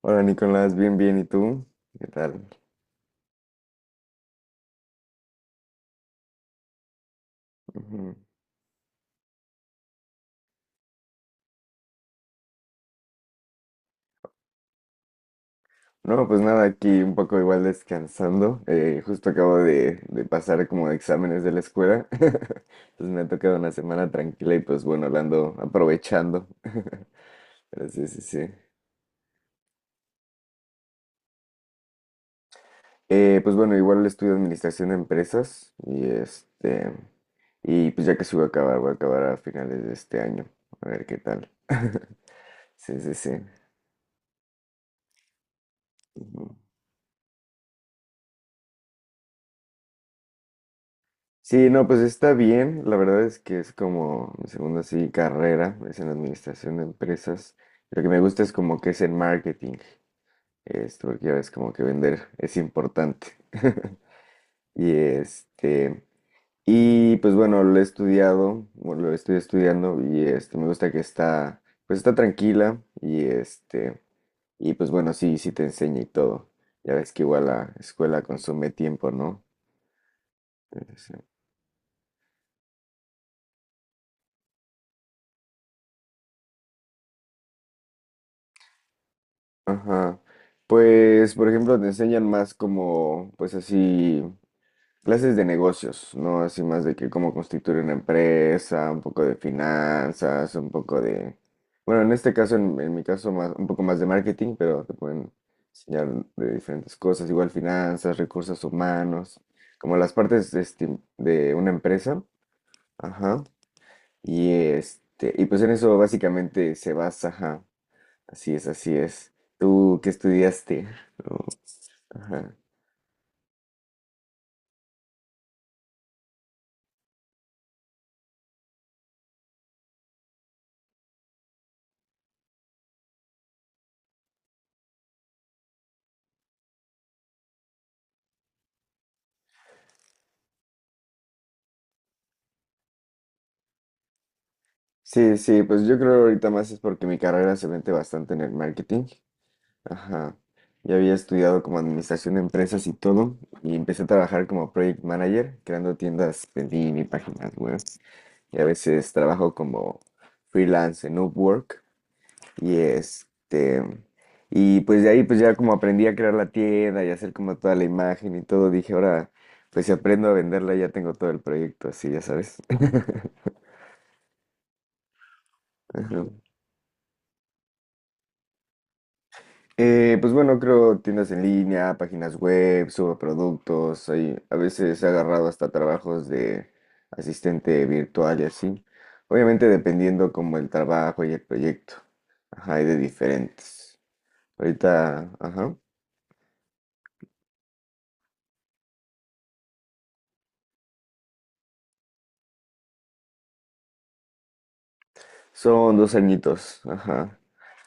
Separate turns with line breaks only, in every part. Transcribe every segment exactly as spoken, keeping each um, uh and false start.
Hola Nicolás, bien, bien, ¿y tú? ¿Qué tal? Ujú. No, pues nada, aquí un poco igual descansando. eh, justo acabo de, de pasar como exámenes de la escuela. Entonces me ha tocado una semana tranquila y pues bueno, la ando aprovechando. Pero sí, sí, sí. Eh, pues bueno, igual estudio administración de empresas y este... Y pues ya que sí voy a acabar, voy a acabar a finales de este año. A ver qué tal. Sí, sí, sí. Sí, no, pues está bien. La verdad es que es como mi segunda sí, carrera, es en administración de empresas. Lo que me gusta es como que es en marketing, esto, porque ya ves como que vender es importante. Y este, y pues bueno, lo he estudiado, bueno, lo estoy estudiando y este, me gusta que está, pues está tranquila y este, y pues bueno, sí, sí te enseña y todo. Ya ves que igual la escuela consume tiempo, ¿no? Ajá. Pues, por ejemplo, te enseñan más como, pues así, clases de negocios, ¿no? Así más de que cómo constituir una empresa, un poco de finanzas, un poco de... Bueno, en este caso, en, en mi caso, más, un poco más de marketing, pero te pueden enseñar de diferentes cosas, igual finanzas, recursos humanos, como las partes este, de una empresa. Ajá. Y este, y pues en eso básicamente se basa, ajá. Así es, así es. ¿Tú qué estudiaste? Oh, ajá. Sí, sí, pues yo creo ahorita más es porque mi carrera se mete bastante en el marketing. Ajá. Ya había estudiado como administración de empresas y todo, y empecé a trabajar como project manager, creando tiendas en línea y páginas web. Y a veces trabajo como freelance en Upwork. Y este, y pues de ahí pues ya como aprendí a crear la tienda y hacer como toda la imagen y todo, dije, ahora pues si aprendo a venderla ya tengo todo el proyecto así, ya sabes. Ajá. Eh, pues bueno, creo tiendas en línea, páginas web, subo productos, ahí a veces he agarrado hasta trabajos de asistente virtual y así. Obviamente dependiendo como el trabajo y el proyecto. Ajá, hay de diferentes. Ahorita, ajá. Son dos añitos, ajá.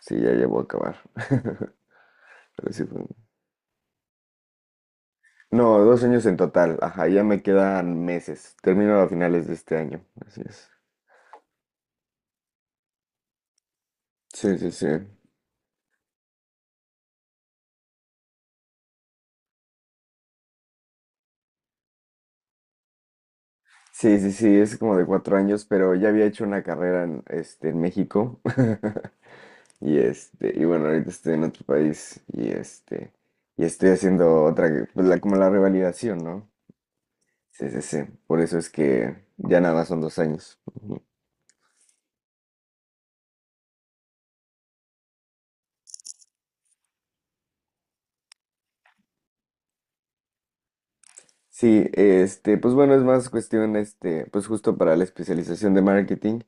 Sí, ya llevo a acabar. Pero sí fue- No, dos años en total, ajá. Ya me quedan meses. Termino a finales de este año, así es. Sí, sí, sí. Sí, sí, sí, es como de cuatro años, pero ya había hecho una carrera en, este, en México. Y este, y bueno, ahorita estoy en otro país y este, y estoy haciendo otra, que- pues la, como la revalidación, ¿no? Sí, sí, sí. Por eso es que ya nada más son dos años. Sí, este, pues bueno, es más cuestión, este, pues justo para la especialización de marketing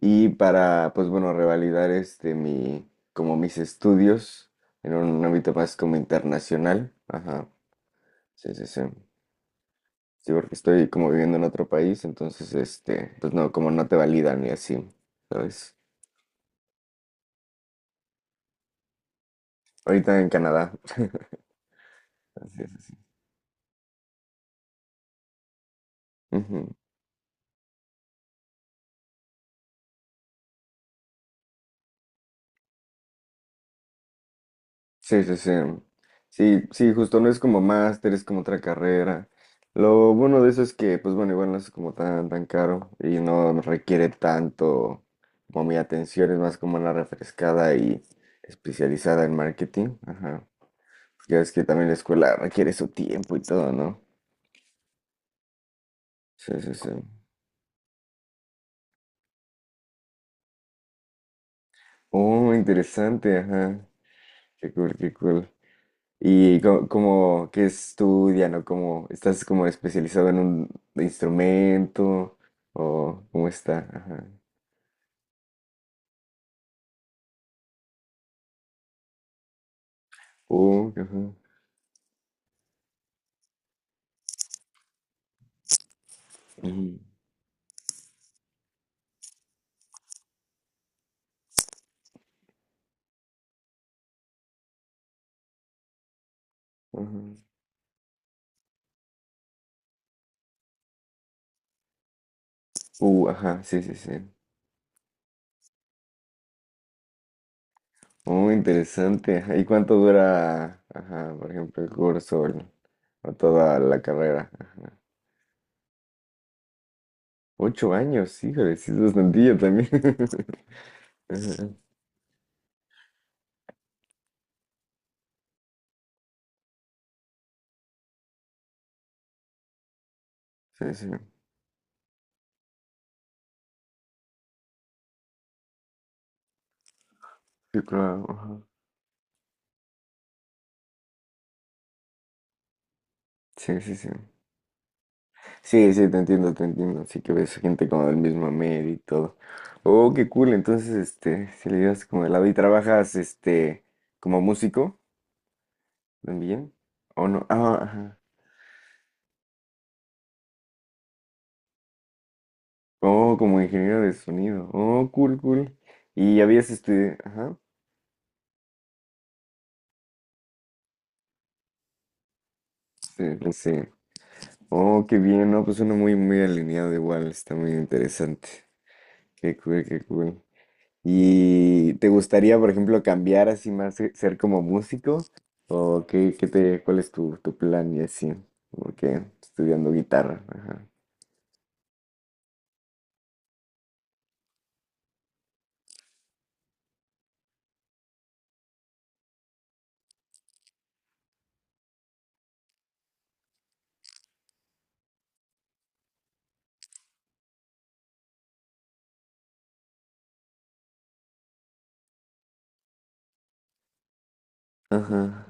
y para, pues bueno, revalidar este mi, como mis estudios en un ámbito más como internacional. Ajá. Sí, sí, sí. Sí, porque estoy como viviendo en otro país, entonces, este, pues no, como no te validan y así, ¿sabes? Ahorita en Canadá. Así es, así. Ujú. Sí, sí, sí. Sí, sí, justo no es como máster, es como otra carrera. Lo bueno de eso es que, pues bueno, igual no es como tan, tan caro y no requiere tanto como mi atención, es más como una refrescada y especializada en marketing. Ajá. Ya es que también la escuela requiere su tiempo y todo, ¿no? Sí, sí, sí. Oh, interesante, ajá. Qué cool, qué cool. ¿Y co- como qué estudian o cómo estás como especializado en un instrumento o cómo está? Ajá. Uh, ajá. ujú, ajá. Uh, ajá, sí, sí, sí. Muy interesante. ajá. ¿Y cuánto dura, ajá, por ejemplo, el curso o, el- o toda la carrera? Ajá. Ocho años, híjole, sí es bastantillo también. Ajá, Sí, sí. Sí, claro. Ajá. Sí, sí, sí. Sí, sí, te entiendo, te entiendo. Sí que ves gente como del mismo medio y todo. Oh, qué cool. Entonces, este, si le llevas como de lado y trabajas, este, como músico también, ¿o no? Ah, ajá. Oh, como ingeniero de sonido. Oh, cool, cool. Y habías estudiado, ajá. Sí, pues sí. Oh, qué bien, ¿no? Pues uno muy, muy alineado igual. Está muy interesante. Qué cool, qué cool. ¿Y te gustaría, por ejemplo, cambiar así más, se- ser como músico? ¿O qué, qué te, cuál es tu, tu plan y así? Porque estudiando guitarra. Ajá. Ajá.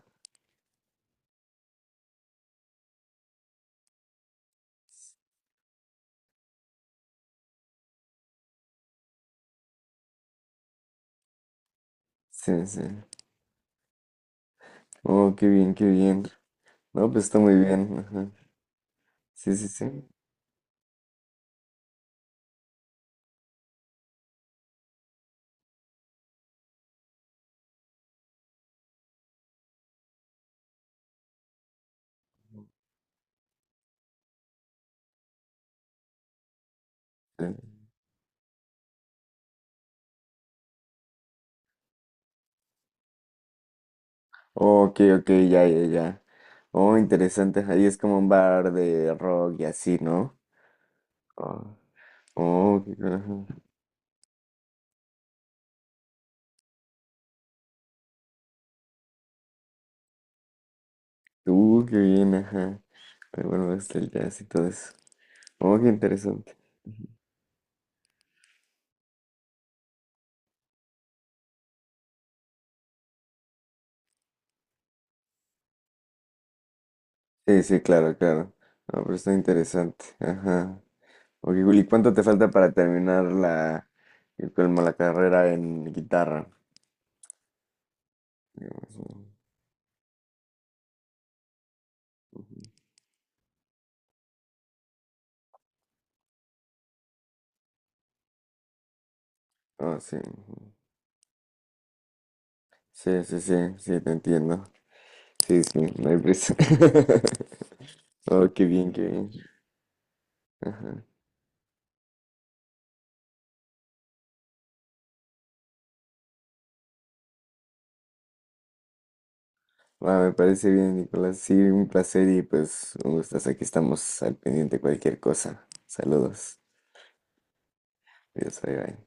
Sí, sí. Oh, qué bien, qué bien. No, pues está muy bien. Ajá. Sí, sí, sí. Sí. Oh, ok, ok, ya, ya, ya. Oh, interesante. Ahí es como un bar de rock y así, ¿no? Oh, oh, qué, ajá. Uh, qué bien, ajá. Pero bueno, hasta el jazz y todo eso. Oh, qué interesante. Sí, sí, claro, claro. No, pero está interesante. Ajá. Ok, Juli, ¿cuánto te falta para terminar la, el- como la carrera en guitarra? Digamos, ¿no? Ah, sí. ujú. Sí, sí, sí, sí, te entiendo. Sí, sí, no hay prisa. Oh, qué bien, qué bien. Ajá. va me parece bien, Nicolás. Sí, un placer y pues un gustazo. Aquí estamos al pendiente de cualquier cosa. Saludos. Adiós, bye, bye.